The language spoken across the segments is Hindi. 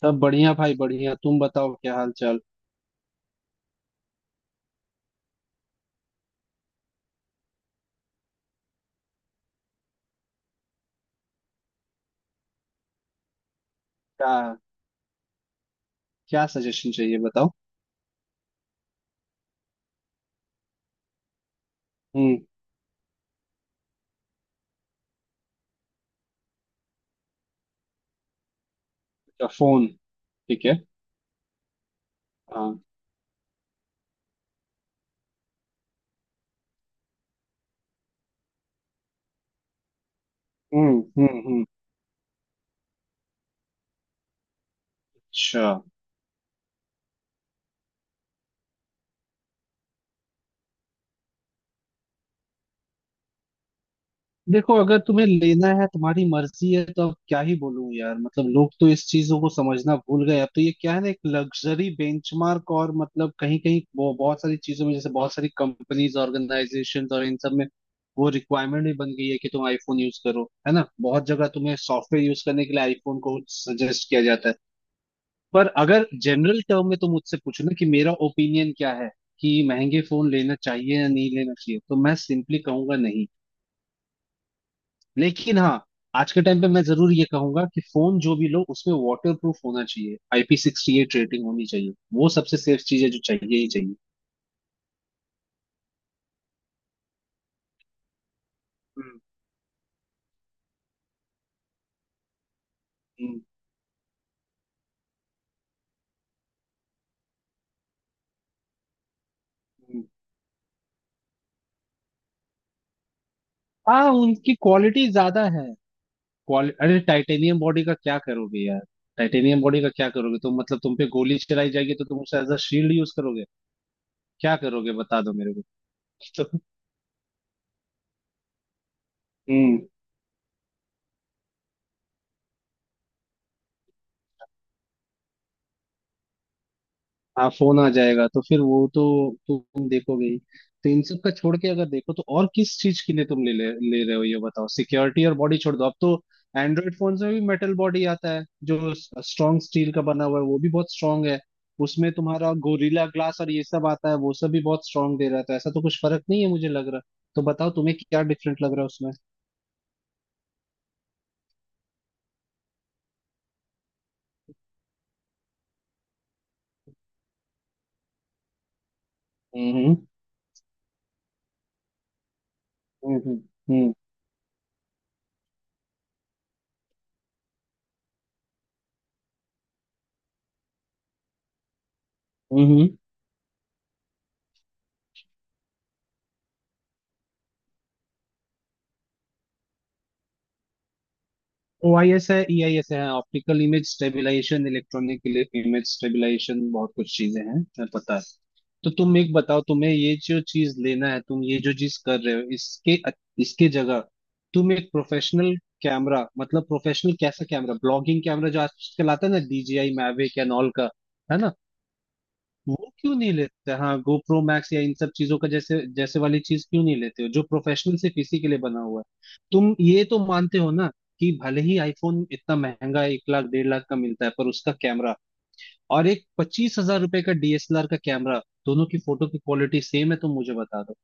सब बढ़िया भाई बढ़िया। तुम बताओ क्या हाल चाल। क्या? क्या सजेशन चाहिए बताओ। हम्म अच्छा, फोन? ठीक है। हाँ। हम्म हम्म हम्म अच्छा, देखो अगर तुम्हें लेना है तुम्हारी मर्जी है तो अब क्या ही बोलूं यार। मतलब लोग तो इस चीजों को समझना भूल गए। अब तो ये क्या है ना, एक लग्जरी बेंचमार्क। और मतलब कहीं कहीं वो बहुत सारी चीजों में, जैसे बहुत सारी कंपनीज, ऑर्गेनाइजेशन और इन सब में वो रिक्वायरमेंट भी बन गई है कि तुम आईफोन यूज करो, है ना। बहुत जगह तुम्हें सॉफ्टवेयर यूज करने के लिए आईफोन को सजेस्ट किया जाता है। पर अगर जनरल टर्म में तुम मुझसे पूछो ना कि मेरा ओपिनियन क्या है कि महंगे फोन लेना चाहिए या नहीं लेना चाहिए, तो मैं सिंपली कहूंगा नहीं। लेकिन हाँ, आज के टाइम पे मैं जरूर ये कहूंगा कि फोन जो भी लो उसमें वाटर प्रूफ होना चाहिए, आईपी 68 रेटिंग होनी चाहिए। वो सबसे सेफ चीज है जो चाहिए ही चाहिए। हम्म हम्म, हम्म। हाँ, उनकी क्वालिटी ज्यादा है। क्वालि अरे टाइटेनियम बॉडी का क्या करोगे यार। टाइटेनियम बॉडी का क्या करोगे तुम? मतलब तुम पे गोली चलाई जाएगी तो तुम उसे एज अ शील्ड यूज करोगे? क्या करोगे बता दो मेरे को। हम्म हाँ, फोन आ जाएगा तो फिर वो तो तुम देखोगे ही। तो इन सब का छोड़ के अगर देखो तो और किस चीज के लिए तुम ले ले, ले रहे हो ये बताओ। सिक्योरिटी और बॉडी छोड़ दो, अब तो एंड्रॉइड फोन्स में भी मेटल बॉडी आता है जो स्ट्रॉन्ग स्टील का बना हुआ है, वो भी बहुत स्ट्रांग है। उसमें तुम्हारा गोरिल्ला ग्लास और ये सब आता है, वो सब भी बहुत स्ट्रांग दे रहा है। तो ऐसा तो कुछ फर्क नहीं है मुझे लग रहा। तो बताओ तुम्हें क्या डिफरेंट लग रहा है उसमें? हम्म हम्म हम्म हम्म हम्म, ओ आई एस है, ई आई एस है, optical image stabilisation, electronic image stabilisation, बहुत कुछ चीजें हैं मैं पता है। तो तुम एक बताओ, तुम्हें ये जो चीज लेना है तुम ये जो चीज कर रहे हो, इसके इसके जगह तुम एक प्रोफेशनल कैमरा, मतलब प्रोफेशनल कैसा कैमरा, ब्लॉगिंग कैमरा जो आजकल आता है ना, DJI मैविक एंड ऑल का, है ना। वो क्यों नहीं लेते? हाँ, गोप्रो मैक्स या इन सब चीजों का, जैसे जैसे वाली चीज क्यों नहीं लेते हो जो प्रोफेशनल सिर्फ इसी के लिए बना हुआ है? तुम ये तो मानते हो ना कि भले ही आईफोन इतना महंगा है, 1 लाख डेढ़ लाख का मिलता है, पर उसका कैमरा और एक 25 हज़ार रुपए का डीएसएलआर का कैमरा, दोनों की फोटो की क्वालिटी सेम है, तो मुझे बता दो।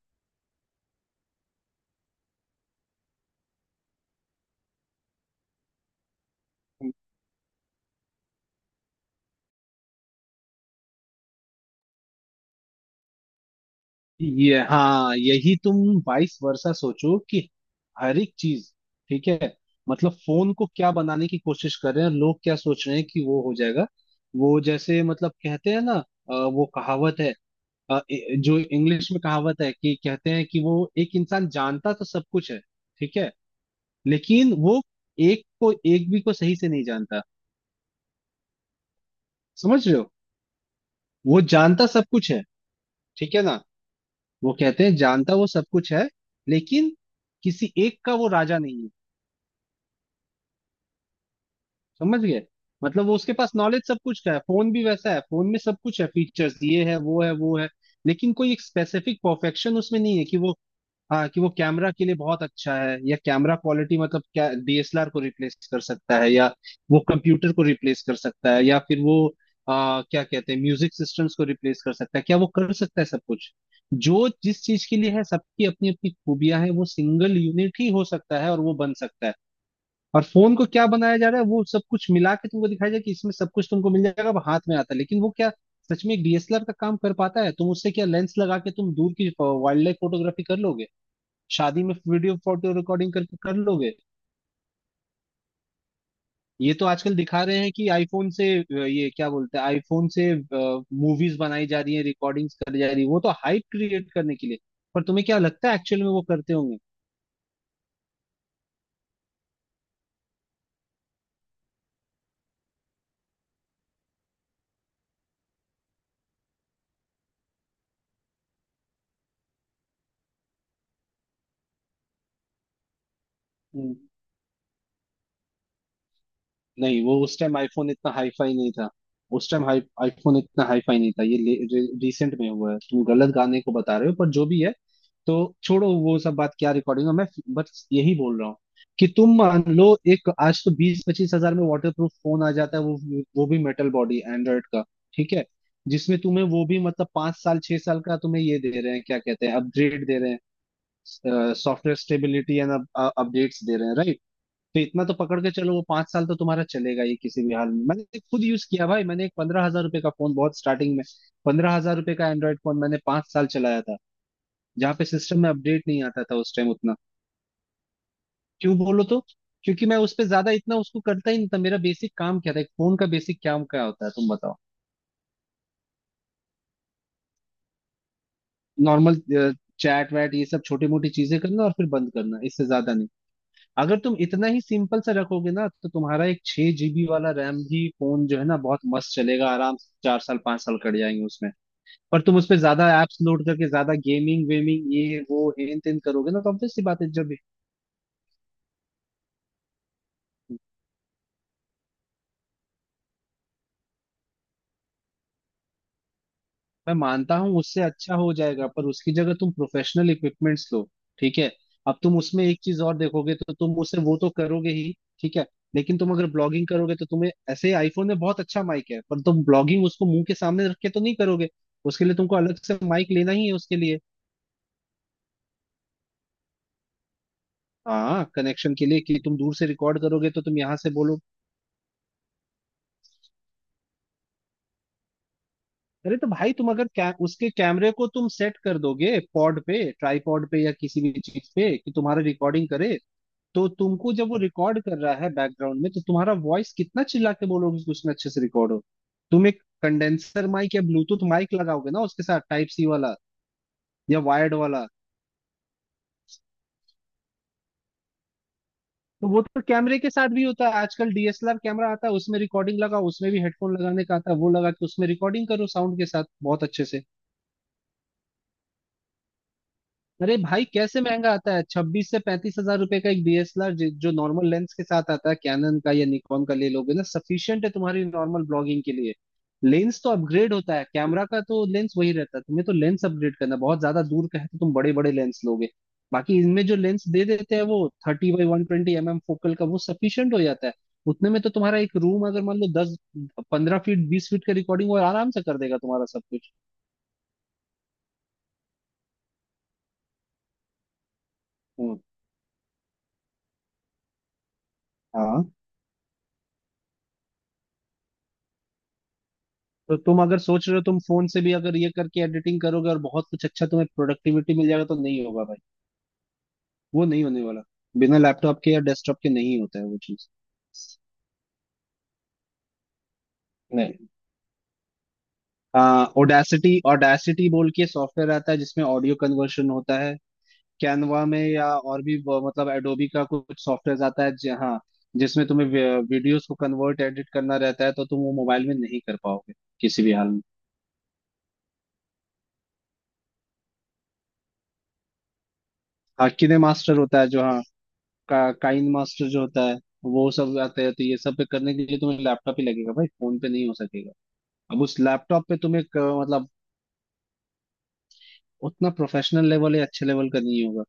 ये हाँ, यही तुम वाइस वर्सा सोचो कि हर एक चीज, ठीक है? मतलब फोन को क्या बनाने की कोशिश कर रहे हैं लोग? क्या सोच रहे हैं कि वो हो जाएगा? वो जैसे मतलब कहते हैं ना, वो कहावत है, जो इंग्लिश में कहावत है, कि कहते हैं कि वो एक इंसान जानता तो सब कुछ है, ठीक है, लेकिन वो एक को, एक भी को सही से नहीं जानता। समझ रहे हो? वो जानता सब कुछ है, ठीक है ना। वो कहते हैं जानता वो सब कुछ है, लेकिन किसी एक का वो राजा नहीं है। समझ गए? मतलब वो, उसके पास नॉलेज सब कुछ का है। फोन भी वैसा है, फोन में सब कुछ है, फीचर्स ये है, वो है, वो है, लेकिन कोई एक स्पेसिफिक परफेक्शन उसमें नहीं है, कि वो हाँ, कि वो कैमरा के लिए बहुत अच्छा है या कैमरा क्वालिटी। मतलब क्या डीएसएलआर को रिप्लेस कर सकता है, या वो कंप्यूटर को रिप्लेस कर सकता है, या फिर वो क्या कहते हैं, म्यूजिक सिस्टम्स को रिप्लेस कर सकता है, क्या वो कर सकता है सब कुछ? जो जिस चीज के लिए है, सबकी अपनी अपनी खूबियां हैं, वो सिंगल यूनिट ही हो सकता है और वो बन सकता है। और फोन को क्या बनाया जा रहा है, वो सब कुछ मिला के तुमको दिखाया जाए कि इसमें सब कुछ तुमको मिल जाएगा, अब हाथ में आता है। लेकिन वो क्या सच में एक डीएसएलआर का काम कर पाता है? तुम उससे क्या लेंस लगा के तुम दूर की वाइल्ड लाइफ फोटोग्राफी कर लोगे? शादी में वीडियो फोटो रिकॉर्डिंग करके कर लोगे? ये तो आजकल दिखा रहे हैं कि आईफोन से ये क्या बोलते हैं, आईफोन से मूवीज बनाई जा रही है, रिकॉर्डिंग्स करी जा रही है, वो तो हाइप क्रिएट करने के लिए। पर तुम्हें क्या लगता है एक्चुअल में वो करते होंगे? हम्म। नहीं, वो उस टाइम आईफोन इतना हाई फाई नहीं था। उस टाइम हाई आईफोन इतना हाई फाई नहीं था, ये रिसेंट में हुआ है। तुम गलत गाने को बता रहे हो, पर जो भी है। तो छोड़ो वो सब बात, क्या रिकॉर्डिंग है। मैं बस यही बोल रहा हूँ कि तुम मान लो, एक आज तो 20-25 हज़ार में वाटर प्रूफ फोन आ जाता है, वो भी मेटल बॉडी एंड्रॉइड का, ठीक है, जिसमें तुम्हें वो भी मतलब 5 साल 6 साल का तुम्हें ये दे रहे हैं, क्या कहते हैं, अपग्रेड दे रहे हैं, सॉफ्टवेयर स्टेबिलिटी एंड अपडेट्स दे रहे हैं, right? तो इतना तो पकड़ के चलो वो 5 साल तो तुम्हारा चलेगा ये, किसी भी हाल में। मैंने खुद यूज किया भाई, मैंने एक 15 हज़ार रुपए का फोन बहुत स्टार्टिंग में, 15 हज़ार रुपए का एंड्रॉइड फोन मैंने 5 साल चलाया था, जहाँ पे सिस्टम में अपडेट नहीं आता था उस टाइम उतना। क्यों, बोलो तो? क्योंकि मैं उस पे ज्यादा इतना उसको करता ही नहीं था। मेरा बेसिक काम क्या था, एक फोन का बेसिक काम क्या होता है, तुम बताओ। नॉर्मल चैट वैट ये सब छोटी मोटी चीजें करना और फिर बंद करना, इससे ज्यादा नहीं। अगर तुम इतना ही सिंपल सा रखोगे ना, तो तुम्हारा एक 6 GB वाला रैम भी फोन जो है ना, बहुत मस्त चलेगा, आराम से 4 साल 5 साल कट जाएंगे उसमें। पर तुम उसपे ज्यादा एप्स लोड करके ज्यादा गेमिंग वेमिंग ये वो हेन तेन करोगे ना, तो ऑब्वियस सी बात है, जब मैं मानता हूँ उससे अच्छा हो जाएगा, पर उसकी जगह तुम प्रोफेशनल इक्विपमेंट्स लो। ठीक है। अब तुम उसमें एक चीज और देखोगे तो तुम उसे वो तो करोगे ही, ठीक है, लेकिन तुम अगर ब्लॉगिंग करोगे तो तुम्हें ऐसे आईफोन में बहुत अच्छा माइक है, पर तुम ब्लॉगिंग उसको मुंह के सामने रख के तो नहीं करोगे। उसके लिए तुमको अलग से माइक लेना ही है उसके लिए। हाँ, कनेक्शन के लिए, कि तुम दूर से रिकॉर्ड करोगे तो तुम यहाँ से बोलो। अरे तो भाई तुम अगर उसके कैमरे को तुम सेट कर दोगे पॉड पे, ट्राईपॉड पे या किसी भी चीज पे कि तुम्हारा रिकॉर्डिंग करे, तो तुमको जब वो रिकॉर्ड कर रहा है बैकग्राउंड में, तो तुम्हारा वॉइस कितना चिल्ला के बोलोगे कि उसमें अच्छे से रिकॉर्ड हो? तुम एक कंडेंसर माइक या ब्लूटूथ माइक लगाओगे ना उसके साथ, टाइप सी वाला या वायर्ड वाला। तो वो तो कैमरे के साथ भी होता है। आजकल डीएसएलआर कैमरा आता है उसमें रिकॉर्डिंग लगाओ, उसमें भी हेडफोन लगाने का आता है, वो लगा के उसमें रिकॉर्डिंग करो साउंड के साथ बहुत अच्छे से। अरे भाई कैसे महंगा आता है, 26 से 35 हज़ार रुपए का एक डीएसएलआर जो नॉर्मल लेंस के साथ आता है, कैनन का या निकॉन का ले लोगे ना, सफिशियंट है तुम्हारी नॉर्मल ब्लॉगिंग के लिए। लेंस तो अपग्रेड होता है, कैमरा का तो लेंस वही रहता है, तुम्हें तो लेंस अपग्रेड करना है। बहुत ज्यादा दूर का है तो तुम बड़े बड़े लेंस लोगे। बाकी इनमें जो लेंस दे देते हैं वो 30x120 mm फोकल का, वो सफिशियंट हो जाता है। उतने में तो तुम्हारा एक रूम, अगर मान लो 10-15 फीट 20 फीट का, रिकॉर्डिंग वो आराम से कर देगा तुम्हारा सब कुछ। हम्म हाँ, तो तुम अगर सोच रहे हो तुम फोन से भी अगर ये करके एडिटिंग करोगे और बहुत कुछ अच्छा तुम्हें प्रोडक्टिविटी मिल जाएगा, तो नहीं होगा भाई। वो नहीं होने वाला। बिना लैपटॉप के या डेस्कटॉप के नहीं होता है वो चीज। नहीं, ओडेसिटी ओडेसिटी बोल के सॉफ्टवेयर आता है जिसमें ऑडियो कन्वर्शन होता है। कैनवा में या और भी मतलब एडोबी का कुछ सॉफ्टवेयर आता है जहाँ जिसमें तुम्हें वीडियोस को कन्वर्ट एडिट करना रहता है, तो तुम वो मोबाइल में नहीं कर पाओगे किसी भी हाल में। हाँ किने मास्टर होता है जो, हाँ काइन मास्टर जो होता है वो सब आता है, तो ये सब पे करने के लिए तुम्हें लैपटॉप ही लगेगा भाई, फोन पे नहीं हो सकेगा। अब उस लैपटॉप पे तुम्हें मतलब उतना प्रोफेशनल लेवल या अच्छे लेवल का नहीं होगा।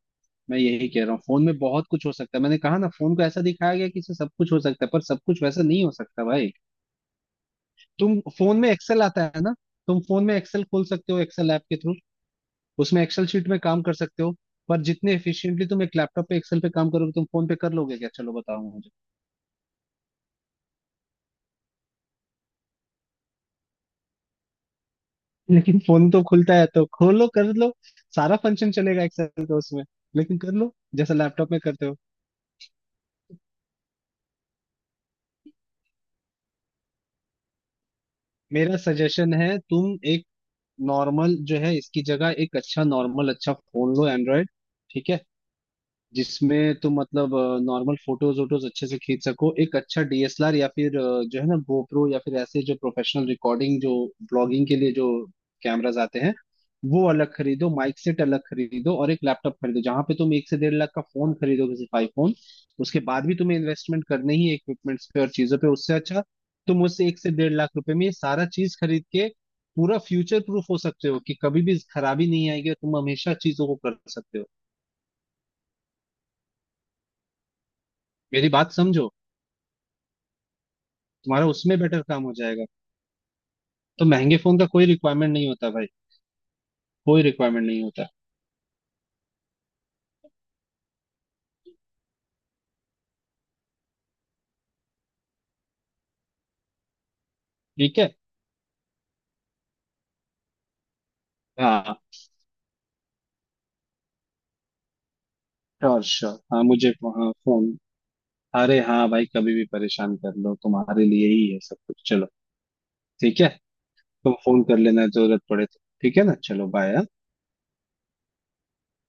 मैं यही कह रहा हूँ, फोन में बहुत कुछ हो सकता है, मैंने कहा ना फोन को ऐसा दिखाया गया कि इससे सब कुछ हो सकता है, पर सब कुछ वैसा नहीं हो सकता भाई। तुम फोन में एक्सेल आता है ना, तुम फोन में एक्सेल खोल सकते हो, एक्सेल ऐप के थ्रू उसमें एक्सेल शीट में काम कर सकते हो, पर जितने एफिशिएंटली तुम एक लैपटॉप पे एक्सेल पे काम करोगे तुम फोन पे कर लोगे क्या, चलो बताओ मुझे। लेकिन फोन तो खुलता है तो खोलो कर लो, सारा फंक्शन चलेगा एक्सेल का उसमें, लेकिन कर लो जैसा लैपटॉप में करते हो। मेरा सजेशन है तुम एक नॉर्मल जो है इसकी जगह एक अच्छा, नॉर्मल अच्छा फोन लो एंड्रॉयड, ठीक है, जिसमें तुम मतलब नॉर्मल फोटोज वोटोज अच्छे से खींच सको, एक अच्छा डीएसएलआर या फिर जो है ना गोप्रो या फिर ऐसे जो प्रोफेशनल रिकॉर्डिंग, जो ब्लॉगिंग के लिए जो कैमराज आते हैं, वो अलग खरीदो, माइक सेट अलग खरीदो, और एक लैपटॉप खरीदो। जहां पे तुम 1 से डेढ़ लाख का फोन खरीदोगे सिर्फ आईफोन, उसके बाद भी तुम्हें इन्वेस्टमेंट करनी ही इक्विपमेंट्स पे और चीजों पे, उससे अच्छा तुम उस 1 से डेढ़ लाख रुपए में ये सारा चीज खरीद के पूरा फ्यूचर प्रूफ हो सकते हो, कि कभी भी खराबी नहीं आएगी और तुम हमेशा चीजों को कर सकते हो। मेरी बात समझो, तुम्हारा उसमें बेटर काम हो जाएगा। तो महंगे फोन का कोई रिक्वायरमेंट नहीं होता भाई, कोई रिक्वायरमेंट नहीं होता। ठीक है। हाँ, श्योर श्योर। हाँ मुझे, हाँ फोन, अरे हाँ भाई कभी भी परेशान कर लो, तुम्हारे लिए ही है सब कुछ। चलो ठीक है, तुम फोन कर लेना जरूरत पड़े तो, ठीक है ना, चलो बाय।